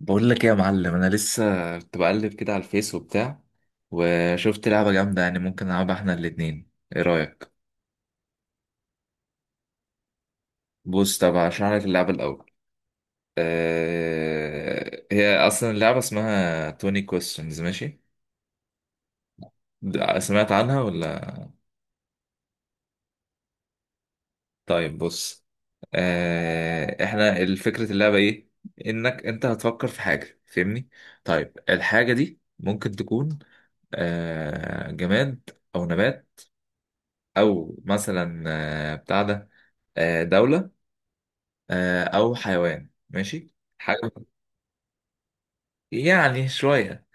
بقول لك ايه يا معلم؟ انا لسه كنت بقلب كده على الفيس وبتاع، وشفت لعبه جامده يعني ممكن نلعبها احنا الاتنين. ايه رايك؟ بص، طب هشرح لك اللعبه الاول. هي اصلا اللعبه اسمها 20 questions، ماشي؟ سمعت عنها ولا؟ طيب بص. احنا الفكره اللعبه ايه؟ انك انت هتفكر في حاجه، فاهمني؟ طيب الحاجه دي ممكن تكون جماد، او نبات، او مثلا بتاع ده، دولة، أو حيوان، ماشي حاجة. يعني شوية،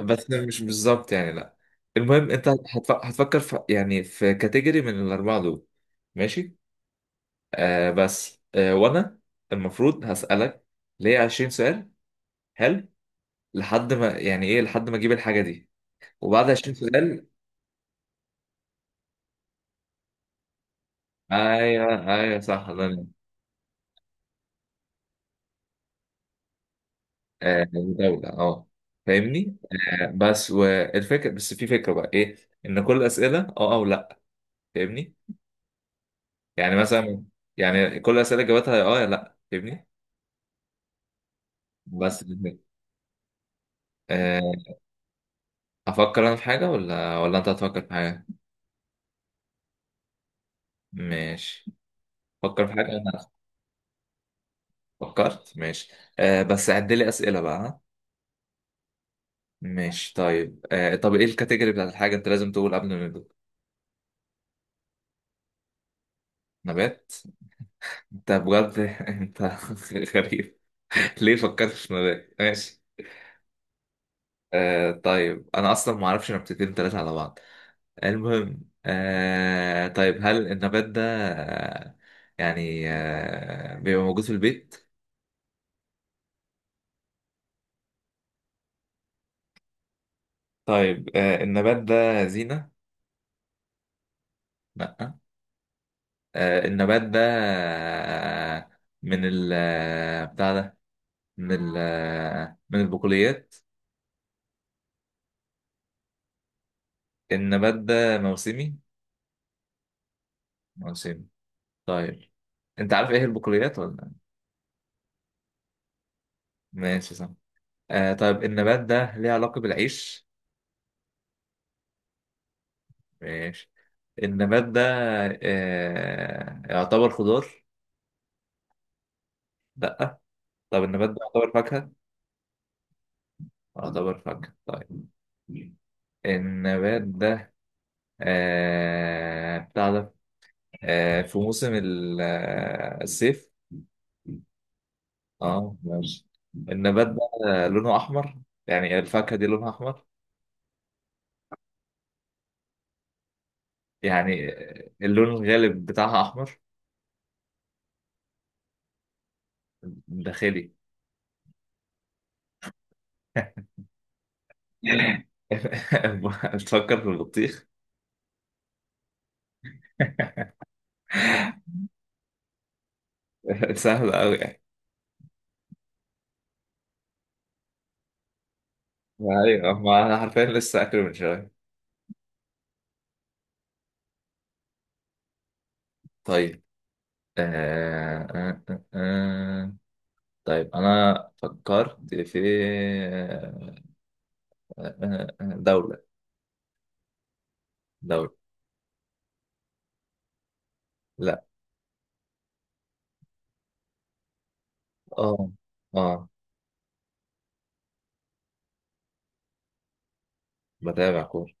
بس مش بالظبط يعني، لا. المهم أنت هتفكر في يعني في كاتيجوري من الأربعة دول. ماشي. بس وأنا المفروض هسألك ليه 20 سؤال، حلو. لحد ما يعني إيه، لحد ما أجيب الحاجة دي. وبعد 20 سؤال. أيوه، أيوه، صح، الله ينور. آه، دولة، أه. فاهمني؟ آه، بس والفكرة بس في فكرة بقى إيه؟ إن كل الأسئلة أه أو لأ، فاهمني؟ يعني مثلا، يعني كل الاسئله جاوبتها يا اه يا لا، فاهمني؟ بس. آه، افكر انا في حاجه ولا انت هتفكر في حاجه؟ ماشي، فكر في حاجه انا. فكرت؟ ماشي. بس عد لي اسئله بقى، ها؟ ماشي طيب. طب ايه الكاتيجوري بتاعت الحاجه؟ انت لازم تقول قبل ما نبدأ. نبات؟ انت بجد؟ انت غريب. ليه فكرت في نبات؟ ماشي. طيب انا اصلا ما اعرفش نبتتين ثلاثه على بعض. المهم. طيب هل النبات ده آه يعني بيبقى موجود في البيت؟ طيب، النبات ده زينة؟ لأ. النبات ده آه من ال بتاع ده، من ال من البقوليات. النبات ده موسمي؟ موسمي. طيب. انت عارف ايه البقوليات ولا؟ ماشي، صح. طيب النبات ده ليه علاقة بالعيش؟ ماشي. النبات ده يعتبر خضار؟ لا. طب النبات ده يعتبر فاكهة؟ يعتبر فاكهة، طيب. النبات ده بتاع ده في موسم الصيف؟ اه ماشي. النبات ده لونه أحمر؟ يعني الفاكهة دي لونها أحمر. يعني اللون الغالب بتاعها أحمر. داخلي. بتفكر في البطيخ؟ سهل أوي يعني. ايوه، ما انا حرفيا لسه اكله من شويه. طيب. آه آه آه آه. آه. طيب أنا فكرت في آه دولة. دولة. لا. آه. آه. بتابع كورة.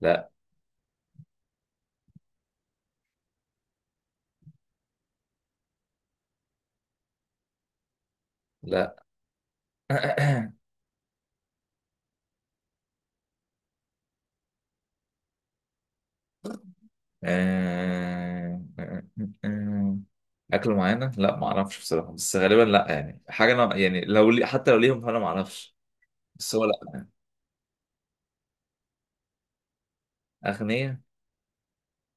لا. لا. آه آه آه آه. أكل معينة؟ لا ما أعرفش بصراحة، بس غالبا لا يعني حاجة. أنا يعني لو لي، حتى لو ليهم، فأنا ما أعرفش. بس هو لا. أغنية؟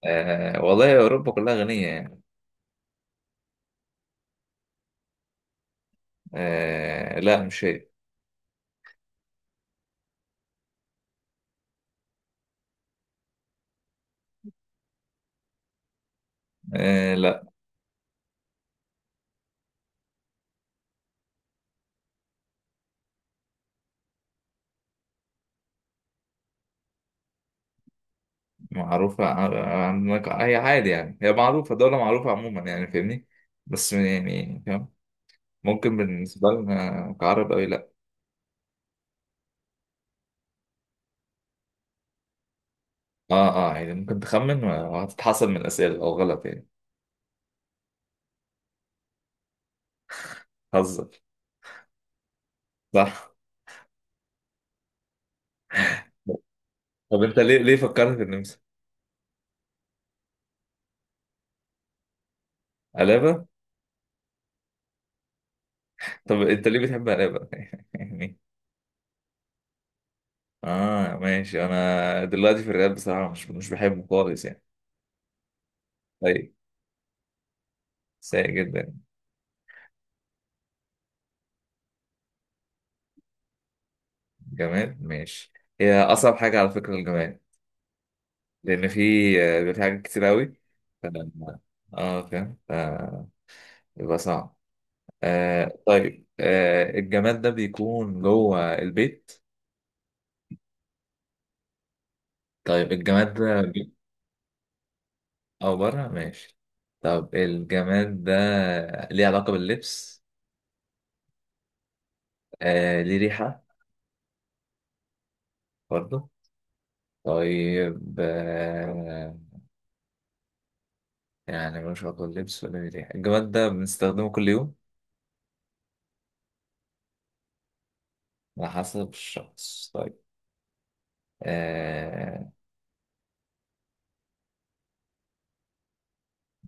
آه، والله أوروبا كلها غنية يعني. آه، لا مش هي. آه، لا. معروفة عندك هي عادي يعني، هي معروفة، دولة معروفة عموما يعني، فاهمني؟ بس يعني فاهم، ممكن بالنسبة لنا كعرب أوي لأ. يعني ممكن تخمن وهتتحسب من الأسئلة لو غلط يعني. هزر. صح. طب أنت ليه فكرت في النمسا؟ قلابة؟ طب أنت ليه بتحب قلابة؟ يعني. آه ماشي. أنا دلوقتي في الرياض بصراحة مش بحبه خالص يعني. طيب. سيء جدا. جماد؟ ماشي. هي أصعب حاجة على فكرة الجماد. لأن في بيبقى في حاجات كتير أوي. فلما- اه فاهم. يبقى صعب. طيب. الجماد ده بيكون جوه البيت؟ طيب، الجماد ده أو بره ماشي. طب الجماد ده ليه علاقة باللبس؟ ليه ريحة؟ برضه؟ طيب. يعني ملوش علاقة باللبس ولا ليه ريحة. الجماد ده بنستخدمه كل يوم؟ على حسب الشخص، طيب. آه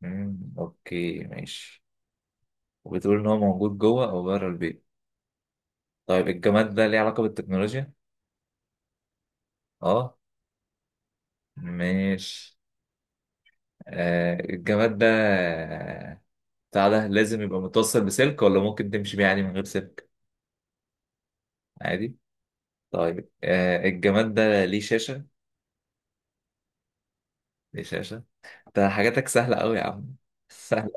أوكي ماشي. وبتقول إن هو موجود جوه أو بره البيت. طيب الجماد ده ليه علاقة بالتكنولوجيا؟ أه، ماشي. الجماد ده بتاع ده لازم يبقى متوصل بسلك ولا ممكن تمشي بيه عادي من غير سلك؟ عادي. طيب. الجماد ده ليه شاشة؟ ليه شاشة؟ ده حاجاتك سهلة أوي يا عم سهلة.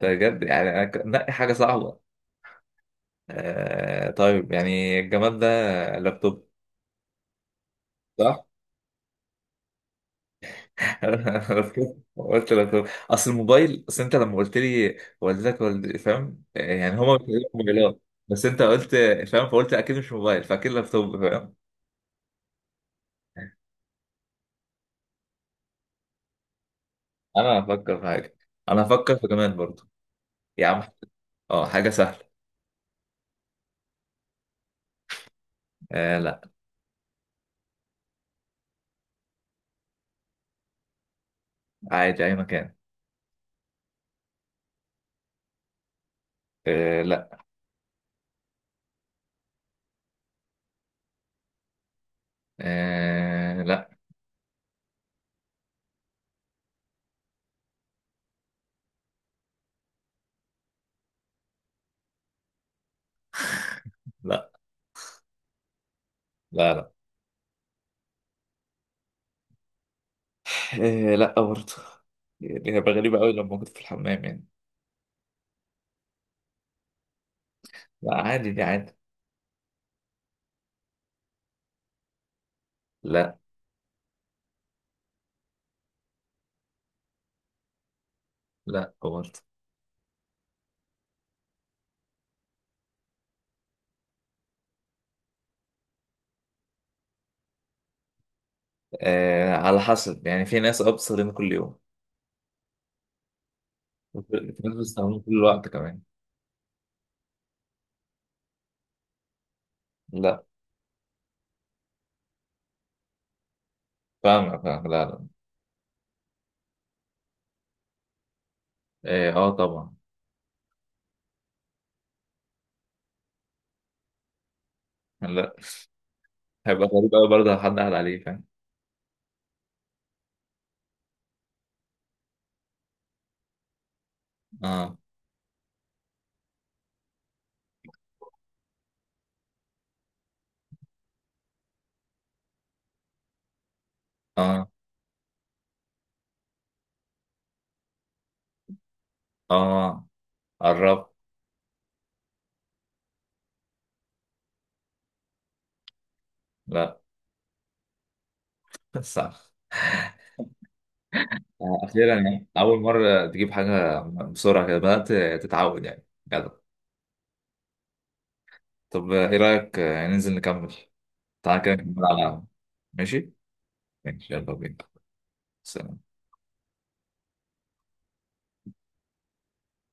ده بجد، يعني أنا نقي حاجة صعبة. طيب يعني الجماد ده لابتوب، صح؟ انا قلت لك اصل الموبايل، اصل انت لما قلت لي والدتك والد، فاهم؟ يعني هما مش بيجيبوا موبايلات. بس انت قلت، فاهم، فقلت اكيد مش موبايل فاكيد لابتوب، فاهم. انا هفكر في حاجه. انا هفكر في كمان برضه. يا عم. اه حاجه سهله. آه، لا عادي اي مكان. آه، لا. آه، لا. لا. لا، لا. آه، لا برضه. يعني هيبقى غريبه قوي لما كنت في الحمام يعني. لا، عادي دي عادي. لا، لا برضه. على حسب يعني، في ناس ابصر كل يوم. الناس بتستخدمه طول الوقت كمان. لا. فاهمك، فاهم. لا، لا. ايه، اه طبعا. لا، هيبقى غريب قوي برضه لو حد قال عليه، فاهم. اه، اه، اه. قربت. لا. صح. اخيرا يعني اول مره تجيب حاجه. بسرعه كده بدات تتعود يعني، جدع. طب ايه رايك ننزل نكمل؟ تعالى كده نكمل على القهوة. ماشي. ماشي يلا بينا. سلام.